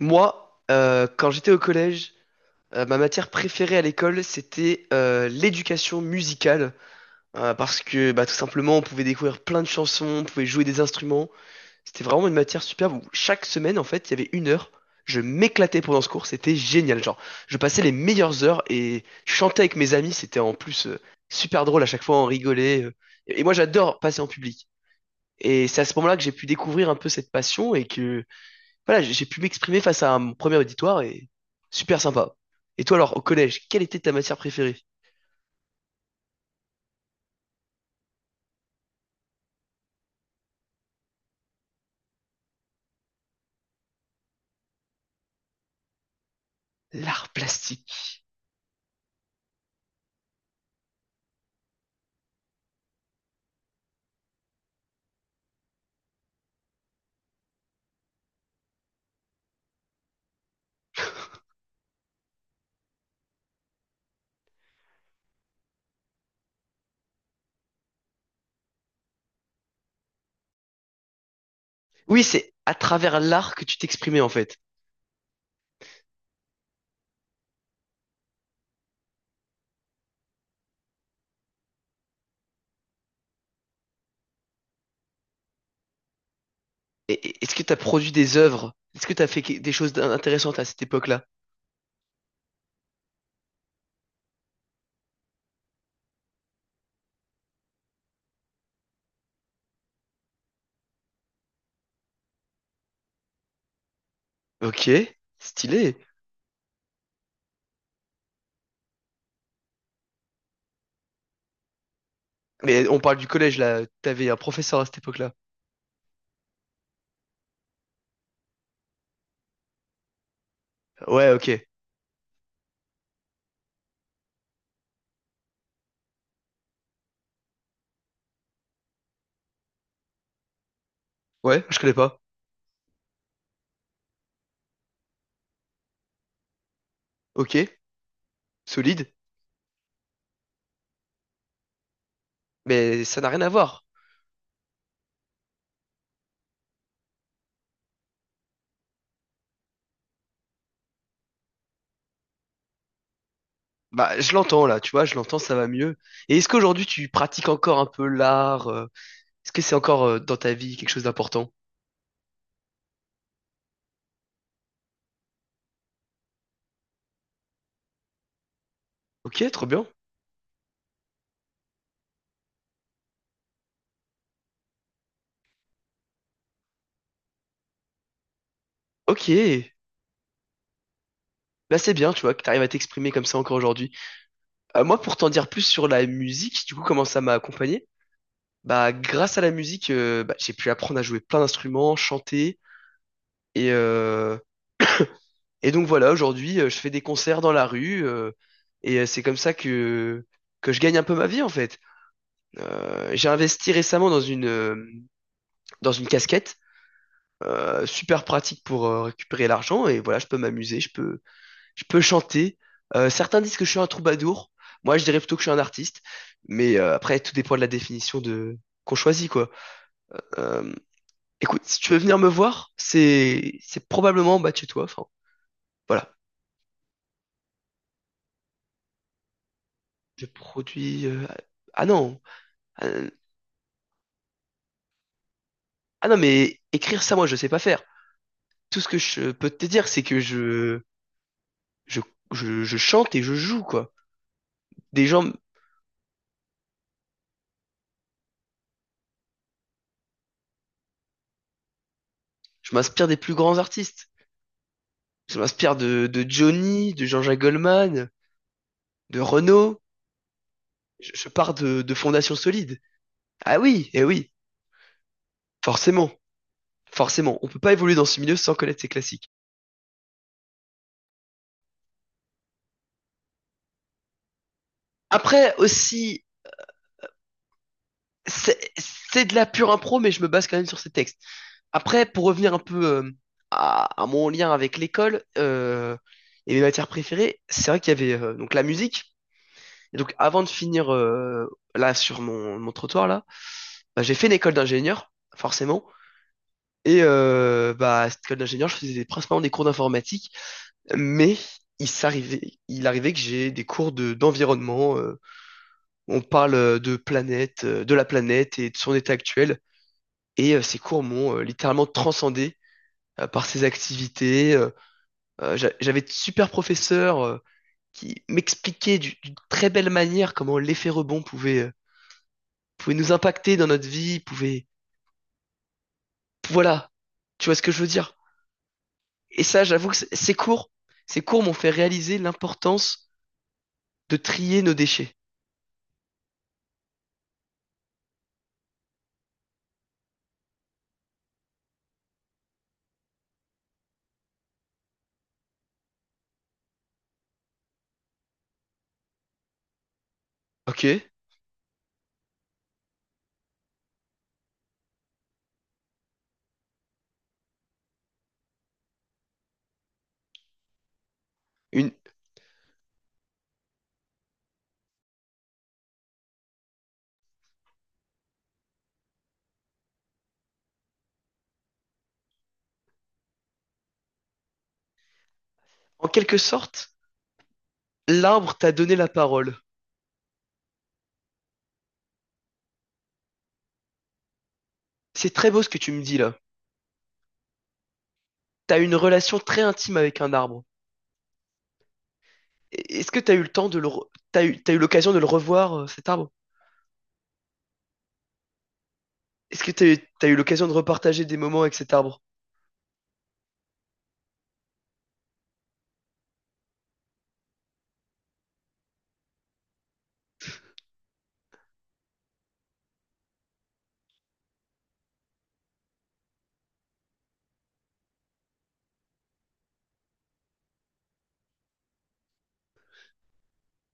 Moi, quand j'étais au collège, ma matière préférée à l'école, c'était l'éducation musicale, parce que bah, tout simplement, on pouvait découvrir plein de chansons, on pouvait jouer des instruments. C'était vraiment une matière superbe où chaque semaine, en fait, il y avait une heure. Je m'éclatais pendant ce cours, c'était génial. Genre, je passais les meilleures heures et je chantais avec mes amis, c'était en plus super drôle à chaque fois, on rigolait. Et moi, j'adore passer en public. Et c'est à ce moment-là que j'ai pu découvrir un peu cette passion et que voilà, j'ai pu m'exprimer face à mon premier auditoire et super sympa. Et toi alors, au collège, quelle était ta matière préférée? L'art plastique. Oui, c'est à travers l'art que tu t'exprimais en fait. Est-ce que tu as produit des œuvres? Est-ce que tu as fait des choses intéressantes à cette époque-là? Ok, stylé. Mais on parle du collège là, t'avais un professeur à cette époque-là. Ouais, ok. Ouais, je connais pas. Ok, solide. Mais ça n'a rien à voir. Bah, je l'entends là, tu vois, je l'entends, ça va mieux. Et est-ce qu'aujourd'hui tu pratiques encore un peu l'art? Est-ce que c'est encore dans ta vie quelque chose d'important? Ok, trop bien. Ok, là c'est bien, tu vois, que t'arrives à t'exprimer comme ça encore aujourd'hui. Moi, pour t'en dire plus sur la musique, du coup, comment ça m'a accompagné? Bah, grâce à la musique, bah, j'ai pu apprendre à jouer plein d'instruments, chanter, et euh, et donc voilà, aujourd'hui, je fais des concerts dans la rue, et c'est comme ça que je gagne un peu ma vie en fait. J'ai investi récemment dans une casquette, super pratique pour récupérer l'argent et voilà, je peux m'amuser, je peux chanter. Certains disent que je suis un troubadour, moi je dirais plutôt que je suis un artiste, mais après tout dépend de la définition de qu'on choisit quoi. Euh, écoute, si tu veux venir me voir, c'est probablement en bas de chez toi. Enfin voilà, je produis. ah non, ah ah non mais écrire ça moi je sais pas faire. Tout ce que je peux te dire c'est que je, je chante et je joue, quoi. Des gens, je m'inspire des plus grands artistes. Je m'inspire de Johnny, de Jean-Jacques Goldman, de Renaud. Je pars de fondations solides. Ah oui, eh oui, forcément, forcément. On peut pas évoluer dans ce milieu sans connaître ses classiques. Après aussi, c'est de la pure impro, mais je me base quand même sur ces textes. Après, pour revenir un peu à mon lien avec l'école, et mes matières préférées, c'est vrai qu'il y avait donc la musique. Et donc, avant de finir, là sur mon, mon trottoir là, bah, j'ai fait une école d'ingénieur, forcément. Et bah, à cette école d'ingénieur, je faisais principalement des cours d'informatique, mais il arrivait que j'ai des cours de d'environnement. On parle de planète, de la planète et de son état actuel. Et ces cours m'ont littéralement transcendé par ces activités. J'avais de super professeurs qui m'expliquaient d'une très belle manière comment l'effet rebond pouvait pouvait nous impacter dans notre vie, pouvait... Voilà, tu vois ce que je veux dire. Et ça, j'avoue que ces cours m'ont fait réaliser l'importance de trier nos déchets. Ok? Une... En quelque sorte, l'arbre t'a donné la parole. C'est très beau ce que tu me dis là. T'as une relation très intime avec un arbre. Est-ce que t'as eu le temps de t'as eu l'occasion de le revoir, cet arbre? Est-ce que t'as eu l'occasion de repartager des moments avec cet arbre?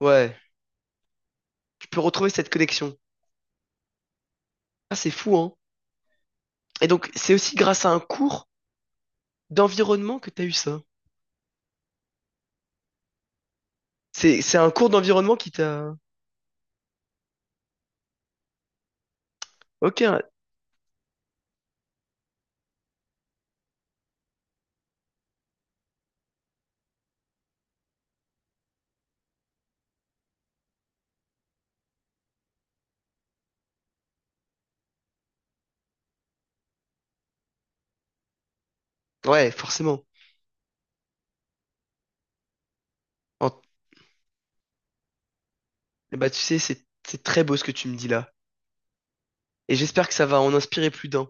Ouais, tu peux retrouver cette connexion. Ah, c'est fou, hein? Et donc, c'est aussi grâce à un cours d'environnement que t'as eu ça? C'est un cours d'environnement qui t'a... Ok, ouais, forcément. En- Bah tu sais, c'est très beau ce que tu me dis là. Et j'espère que ça va en inspirer plus d'un.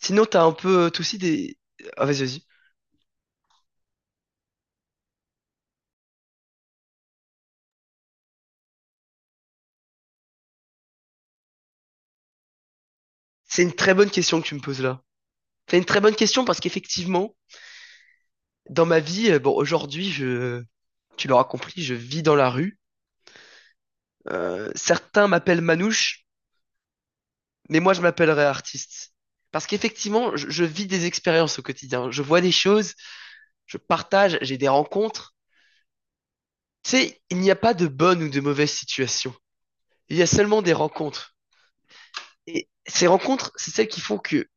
Sinon, t'as un peu toi aussi des... Ah, vas-y, vas-y. C'est une très bonne question que tu me poses là. C'est une très bonne question parce qu'effectivement, dans ma vie, bon, aujourd'hui, je... Tu l'auras compris, je vis dans la rue. Certains m'appellent Manouche, mais moi je m'appellerais artiste. Parce qu'effectivement, je vis des expériences au quotidien. Je vois des choses, je partage, j'ai des rencontres. Tu sais, il n'y a pas de bonne ou de mauvaise situation. Il y a seulement des rencontres. Et ces rencontres, c'est celles qui font que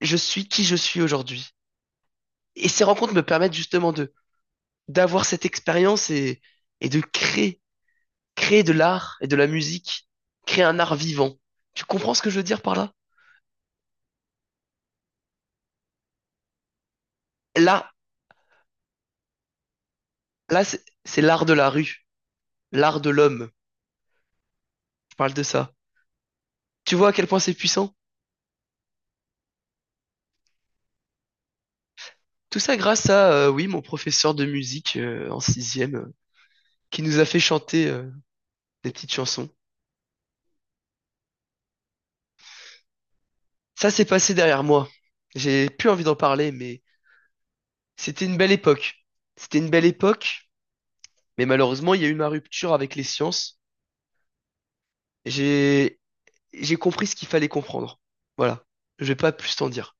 je suis qui je suis aujourd'hui. Et ces rencontres me permettent justement de d'avoir cette expérience et de créer, créer de l'art et de la musique, créer un art vivant. Tu comprends ce que je veux dire par là? Là, là, c'est l'art de la rue, l'art de l'homme. Je parle de ça. Tu vois à quel point c'est puissant? Tout ça grâce à, oui, mon professeur de musique en sixième, qui nous a fait chanter des petites chansons. Ça s'est passé derrière moi. J'ai plus envie d'en parler, mais c'était une belle époque. C'était une belle époque, mais malheureusement, il y a eu ma rupture avec les sciences. J'ai j'ai compris ce qu'il fallait comprendre. Voilà. Je vais pas plus t'en dire.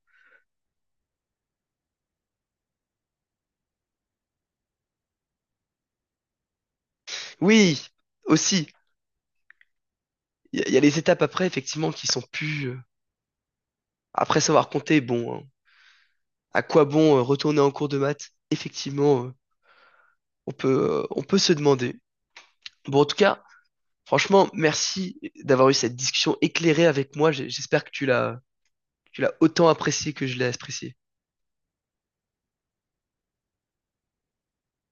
Oui, aussi, il y a les étapes après, effectivement, qui sont plus... Après savoir compter, bon, hein, à quoi bon retourner en cours de maths? Effectivement, on peut se demander. Bon, en tout cas, franchement, merci d'avoir eu cette discussion éclairée avec moi. J'espère que tu l'as autant apprécié que je l'ai apprécié.